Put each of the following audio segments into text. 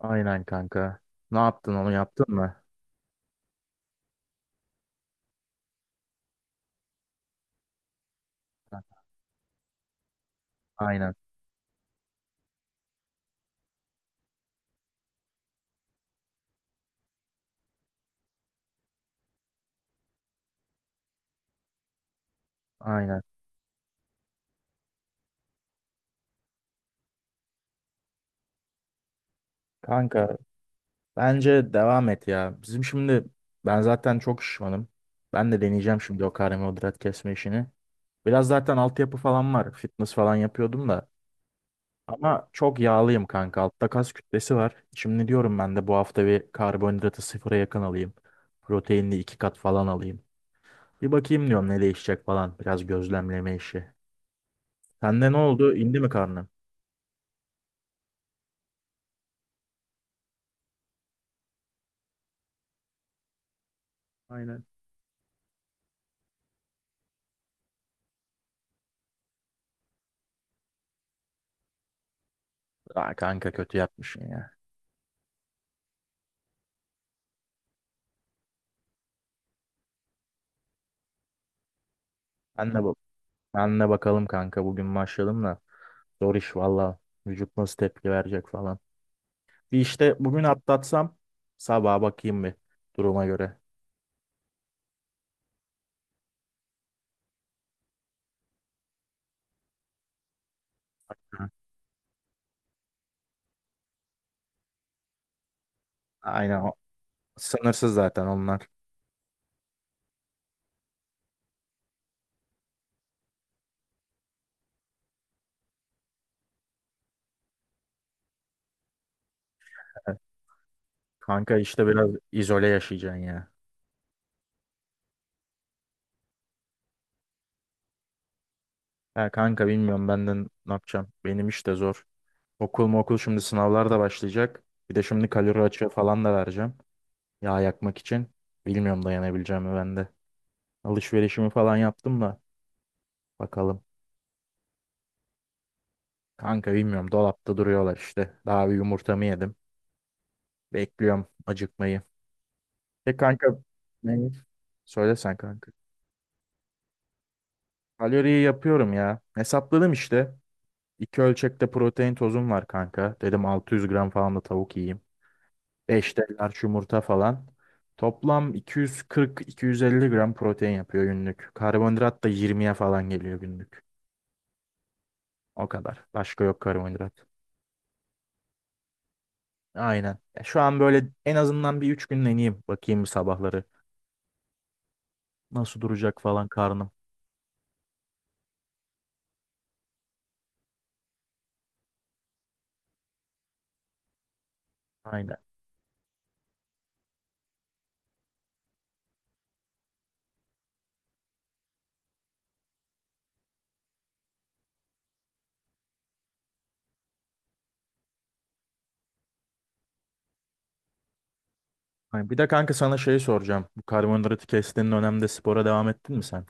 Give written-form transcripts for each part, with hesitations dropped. Aynen kanka. Ne yaptın onu yaptın mı? Aynen. Aynen. Kanka bence devam et ya. Bizim şimdi ben zaten çok şişmanım. Ben de deneyeceğim şimdi o karbonhidrat kesme işini. Biraz zaten altyapı falan var. Fitness falan yapıyordum da. Ama çok yağlıyım kanka. Altta kas kütlesi var. Şimdi diyorum ben de bu hafta bir karbonhidratı sıfıra yakın alayım. Proteinli 2 kat falan alayım. Bir bakayım diyorum ne değişecek falan. Biraz gözlemleme işi. Sende ne oldu? İndi mi karnın? Aynen. Aa, kanka kötü yapmışsın ya. Ben de, bak, ben de bakalım kanka bugün başladım da. Zor iş valla. Vücut nasıl tepki verecek falan. Bir işte bugün atlatsam sabaha bakayım bir duruma göre. Hı. Aynen o. Sınırsız zaten onlar. Evet. Kanka işte biraz izole yaşayacaksın ya. Ya kanka bilmiyorum benden ne yapacağım. Benim iş de zor. Okul mu okul, şimdi sınavlar da başlayacak. Bir de şimdi kalori açığı falan da vereceğim. Yağ yakmak için. Bilmiyorum dayanabileceğim mi ben de. Alışverişimi falan yaptım da. Bakalım. Kanka bilmiyorum. Dolapta duruyorlar işte. Daha bir yumurtamı yedim. Bekliyorum acıkmayı. E kanka, ne? Söylesen kanka. Kaloriyi yapıyorum ya. Hesapladım işte. 2 ölçekte protein tozum var kanka. Dedim 600 gram falan da tavuk yiyeyim. 5 de large yumurta falan. Toplam 240-250 gram protein yapıyor günlük. Karbonhidrat da 20'ye falan geliyor günlük. O kadar. Başka yok karbonhidrat. Aynen. Ya şu an böyle en azından bir 3 gün deneyeyim, bakayım bir sabahları. Nasıl duracak falan karnım. Aynen. Aynen. Bir de kanka sana şey soracağım. Bu karbonhidratı kestiğin dönemde spora devam ettin mi sen?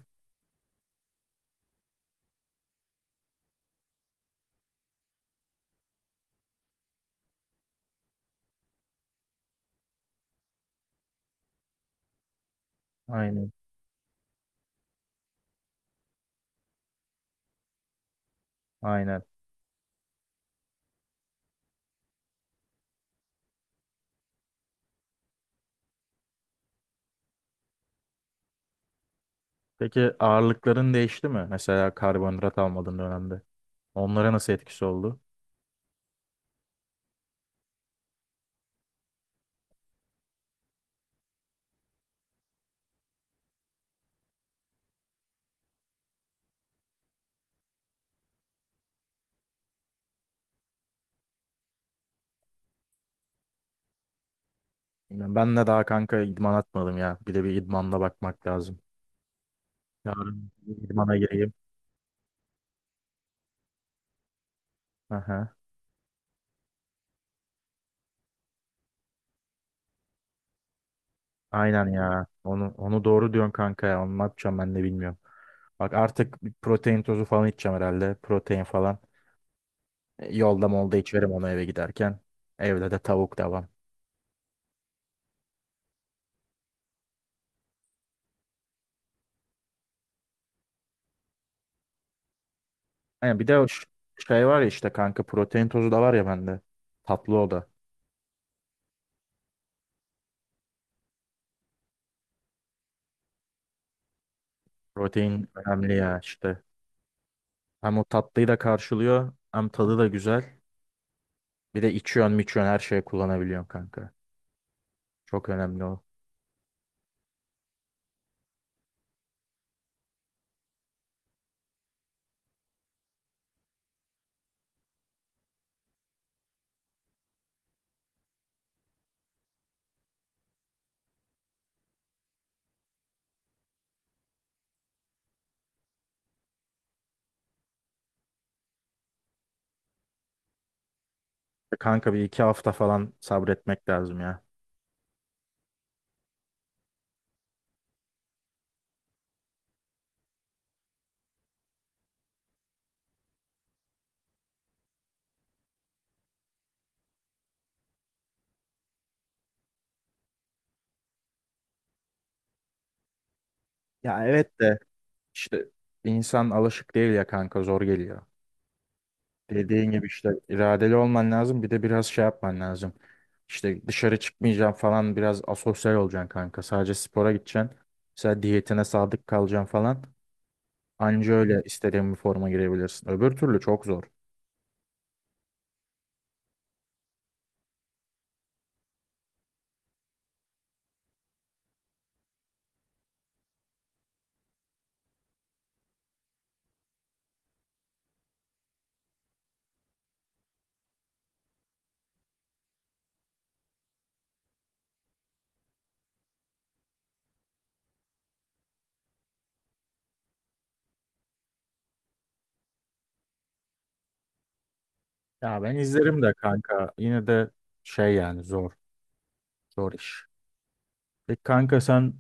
Aynen. Aynen. Peki ağırlıkların değişti mi? Mesela karbonhidrat almadığın dönemde. Onlara nasıl etkisi oldu? Bilmiyorum. Ben de daha kanka idman atmadım ya. Bir de bir idmanla bakmak lazım. Yarın bir idmana gireyim. Aha. Aynen ya. Onu doğru diyorsun kanka ya. Onu ne yapacağım ben de bilmiyorum. Bak, artık bir protein tozu falan içeceğim herhalde. Protein falan. E, yolda molda içerim onu eve giderken. Evde de tavuk devam. Yani bir de o şey var ya işte kanka, protein tozu da var ya bende. Tatlı o da. Protein önemli ya işte. Hem o tatlıyı da karşılıyor hem tadı da güzel. Bir de içiyorsun miçiyorsun, her şeye kullanabiliyorsun kanka. Çok önemli o. E, kanka bir iki hafta falan sabretmek lazım ya. Ya evet de işte, insan alışık değil ya kanka, zor geliyor. Dediğin gibi işte iradeli olman lazım. Bir de biraz şey yapman lazım. İşte dışarı çıkmayacağım falan, biraz asosyal olacaksın kanka. Sadece spora gideceksin. Mesela diyetine sadık kalacaksın falan. Anca öyle istediğin bir forma girebilirsin. Öbür türlü çok zor. Ya ben izlerim de kanka. Yine de şey yani, zor. Zor iş. Peki kanka sen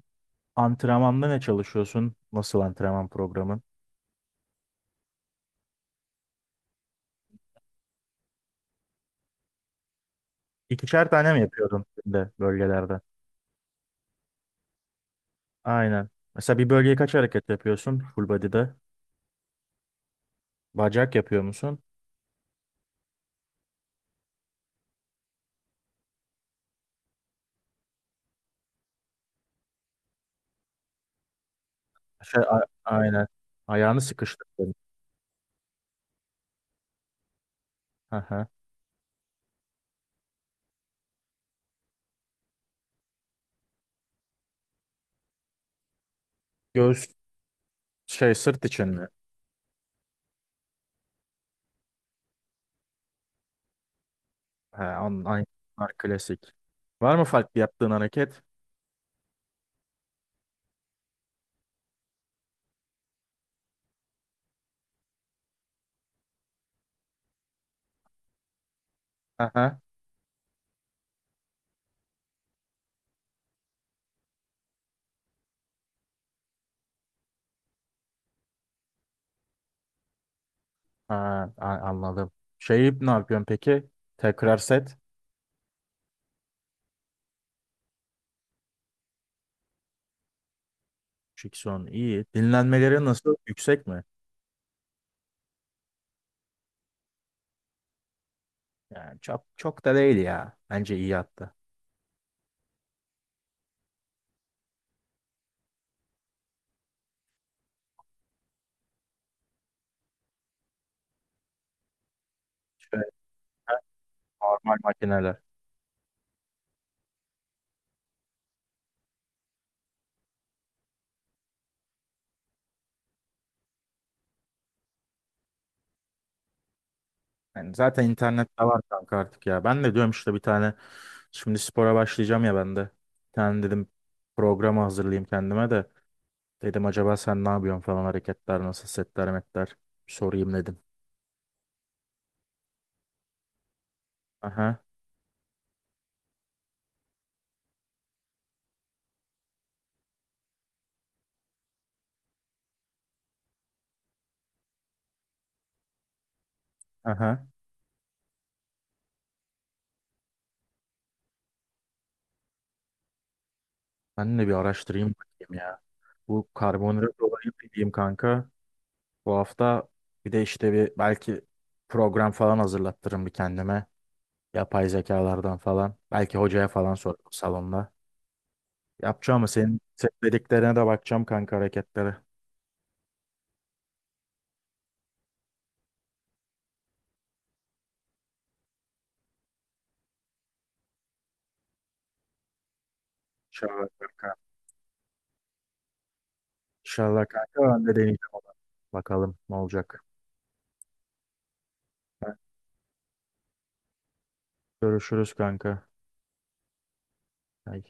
antrenmanda ne çalışıyorsun? Nasıl antrenman programın? İkişer tane mi yapıyordun de bölgelerde? Aynen. Mesela bir bölgeye kaç hareket yapıyorsun full body'de? Bacak yapıyor musun? Şey, aynen. Ayağını sıkıştırdın. Hı hı. Göğüs şey, sırt için mi? He, klasik. Var mı farklı yaptığın hareket? Hı hı. Ha, anladım. Şeyi ne yapıyorsun peki? Tekrar set. Şikson iyi. Dinlenmeleri nasıl? Yüksek mi? Yani çok çok da değil ya. Bence iyi hatta. Şöyle normal makineler. Yani zaten internette var kanka artık ya. Ben de diyorum işte bir tane, şimdi spora başlayacağım ya ben de. Bir tane dedim programı hazırlayayım kendime de. Dedim acaba sen ne yapıyorsun falan, hareketler nasıl, setler metler bir sorayım dedim. Aha, aha, ben de bir araştırayım bakayım ya. Bu karbonhidrat olayı diyeyim kanka. Bu hafta bir de işte bir belki program falan hazırlattırım bir kendime. Yapay zekalardan falan. Belki hocaya falan sorarım salonda. Yapacağım ama senin dediklerine de bakacağım kanka, hareketlere. İnşallah kanka. İnşallah kanka ben de deneyeceğim onu. Bakalım ne olacak. Görüşürüz kanka. Ay.